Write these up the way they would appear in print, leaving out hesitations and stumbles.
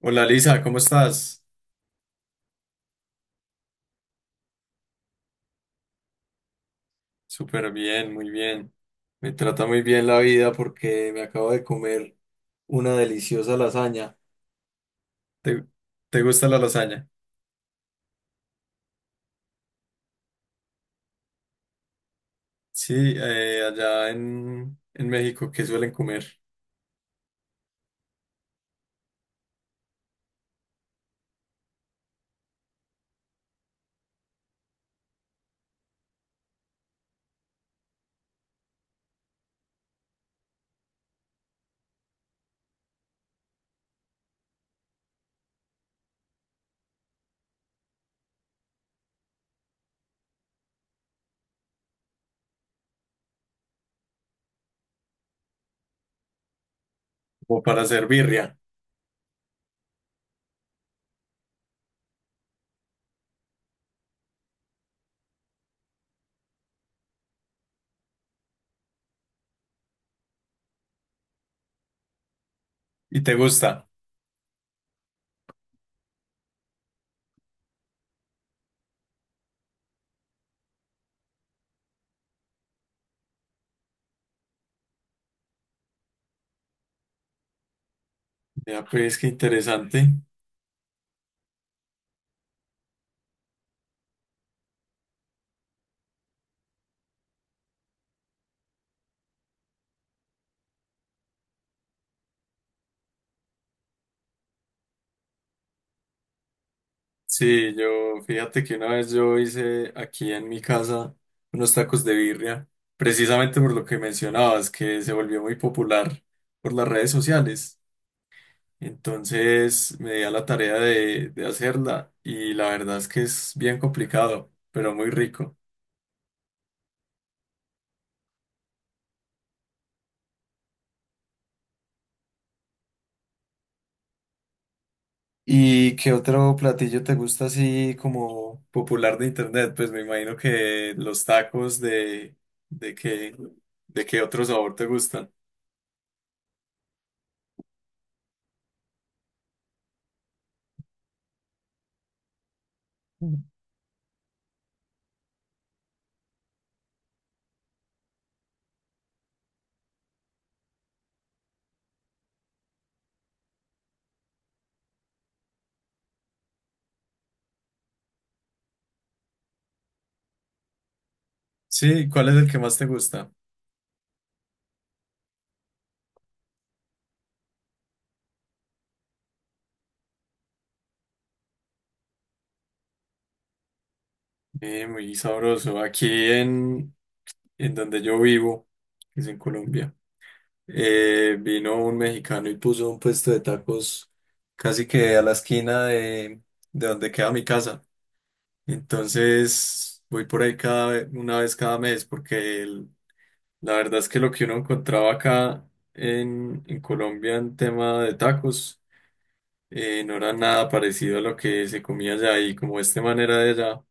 Hola Lisa, ¿cómo estás? Súper bien, muy bien. Me trata muy bien la vida porque me acabo de comer una deliciosa lasaña. ¿Te, ¿te gusta la lasaña? Sí, allá en México, ¿qué suelen comer? Como para hacer birria. ¿Y te gusta? Ya, pues qué interesante. Sí, yo, fíjate que una vez yo hice aquí en mi casa unos tacos de birria, precisamente por lo que mencionabas, que se volvió muy popular por las redes sociales. Entonces me di a la tarea de hacerla y la verdad es que es bien complicado, pero muy rico. ¿Y qué otro platillo te gusta así como popular de internet? Pues me imagino que los tacos de qué, de qué otro sabor te gustan. Sí, ¿cuál es el que más te gusta? Muy sabroso. Aquí en, en donde yo vivo, que es en Colombia. Vino un mexicano y puso un puesto de tacos casi que a la esquina de donde queda mi casa. Entonces voy por ahí cada, una vez cada mes porque la verdad es que lo que uno encontraba acá en Colombia en tema de tacos no era nada parecido a lo que se comía allá y como este manera de allá.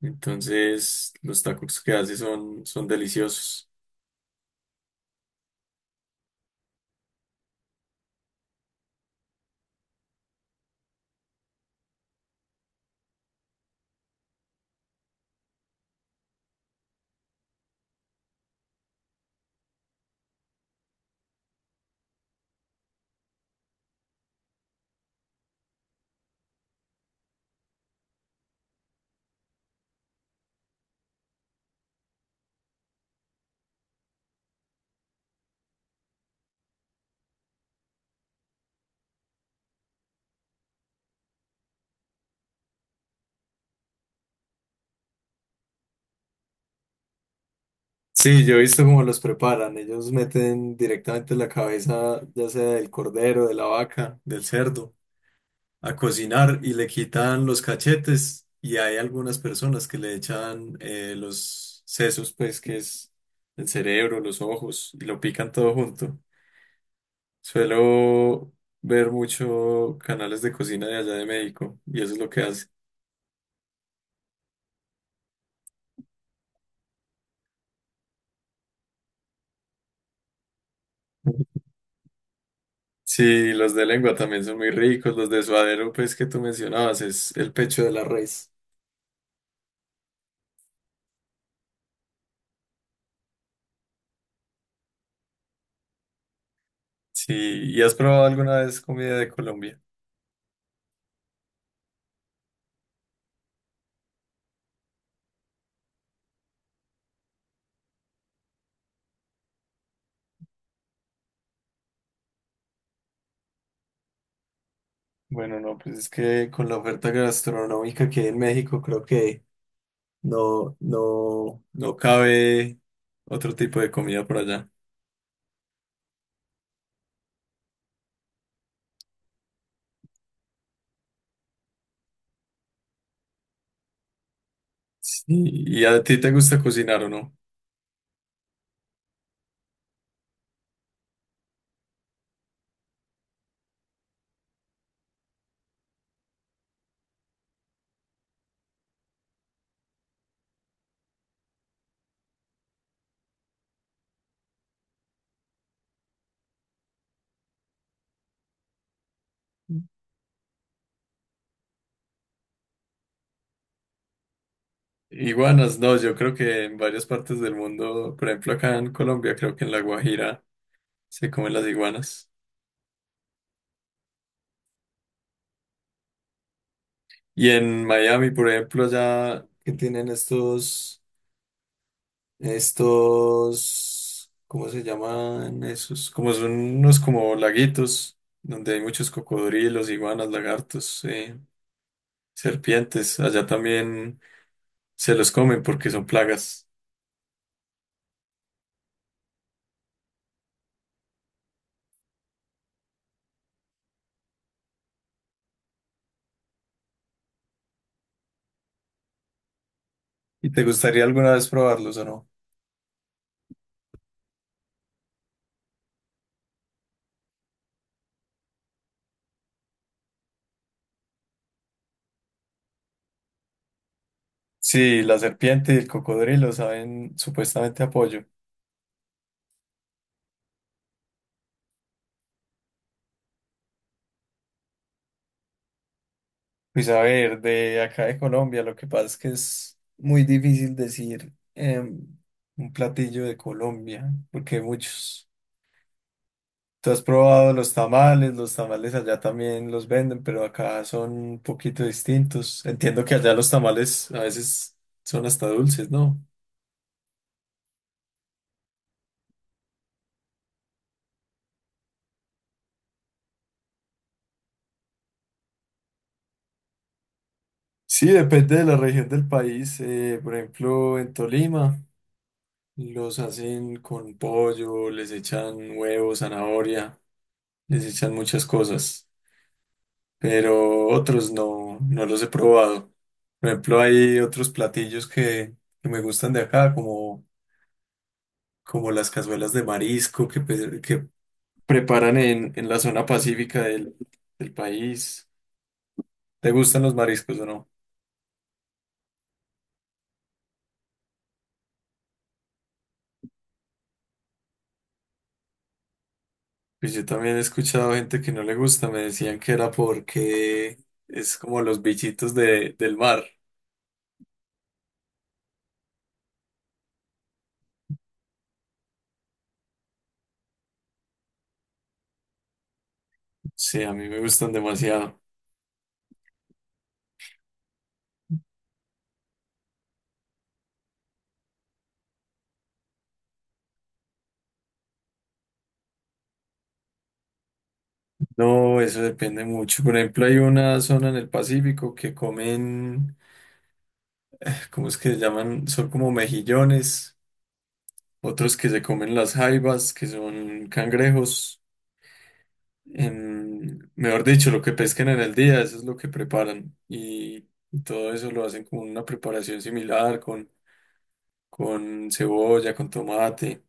Entonces los tacos que hace son, son deliciosos. Sí, yo he visto cómo los preparan. Ellos meten directamente la cabeza, ya sea del cordero, de la vaca, del cerdo, a cocinar y le quitan los cachetes. Y hay algunas personas que le echan los sesos, pues, que es el cerebro, los ojos, y lo pican todo junto. Suelo ver mucho canales de cocina de allá de México, y eso es lo que hace. Sí, los de lengua también son muy ricos. Los de suadero, pues, que tú mencionabas, es el pecho de la res. Sí, ¿y has probado alguna vez comida de Colombia? Bueno, no, pues es que con la oferta gastronómica que hay en México, creo que no, no, no cabe otro tipo de comida por allá. Sí, ¿y a ti te gusta cocinar o no? Iguanas, no, yo creo que en varias partes del mundo, por ejemplo acá en Colombia, creo que en La Guajira se comen las iguanas. Y en Miami, por ejemplo, allá que tienen estos estos, ¿cómo se llaman esos? Como son unos como laguitos, donde hay muchos cocodrilos, iguanas, lagartos, serpientes. Allá también se los comen porque son plagas. ¿Y te gustaría alguna vez probarlos o no? Sí, la serpiente y el cocodrilo saben supuestamente apoyo. Pues a ver, de acá de Colombia, lo que pasa es que es muy difícil decir un platillo de Colombia, porque hay muchos. ¿Tú has probado los tamales? Los tamales allá también los venden, pero acá son un poquito distintos. Entiendo que allá los tamales a veces son hasta dulces, ¿no? Sí, depende de la región del país. Por ejemplo, en Tolima los hacen con pollo, les echan huevo, zanahoria, les echan muchas cosas, pero otros no, no los he probado. Por ejemplo, hay otros platillos que me gustan de acá, como, como las cazuelas de marisco que preparan en la zona pacífica del país. ¿Te gustan los mariscos o no? Pues yo también he escuchado gente que no le gusta, me decían que era porque es como los bichitos del mar. Sí, a mí me gustan demasiado. No, eso depende mucho. Por ejemplo, hay una zona en el Pacífico que comen, ¿cómo es que se llaman? Son como mejillones, otros que se comen las jaivas, que son cangrejos. Em, mejor dicho, lo que pesquen en el día, eso es lo que preparan. Y todo eso lo hacen con una preparación similar, con cebolla, con tomate,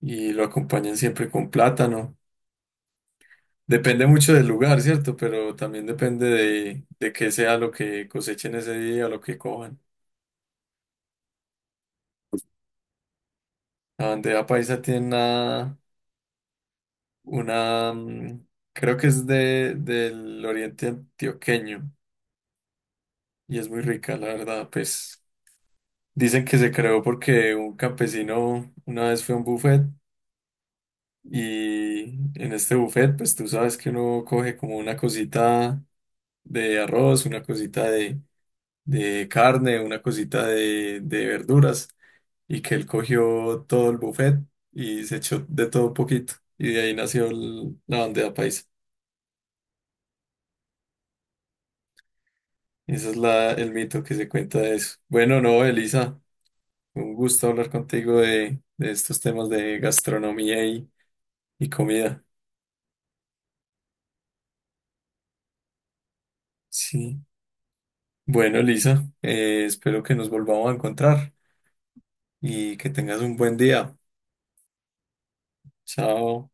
y lo acompañan siempre con plátano. Depende mucho del lugar, ¿cierto? Pero también depende de qué sea lo que cosechen ese día, o lo que cojan. La bandeja paisa tiene una, mm, creo que es del oriente antioqueño y es muy rica, la verdad, pues. Dicen que se creó porque un campesino una vez fue a un buffet y en este buffet, pues tú sabes que uno coge como una cosita de arroz, una cosita de carne, una cosita de verduras y que él cogió todo el buffet y se echó de todo un poquito y de ahí nació la bandeja paisa. Ese es la, el mito que se cuenta de eso. Bueno, no, Elisa, un gusto hablar contigo de estos temas de gastronomía y comida. Sí. Bueno, Lisa, espero que nos volvamos a encontrar y que tengas un buen día. Chao.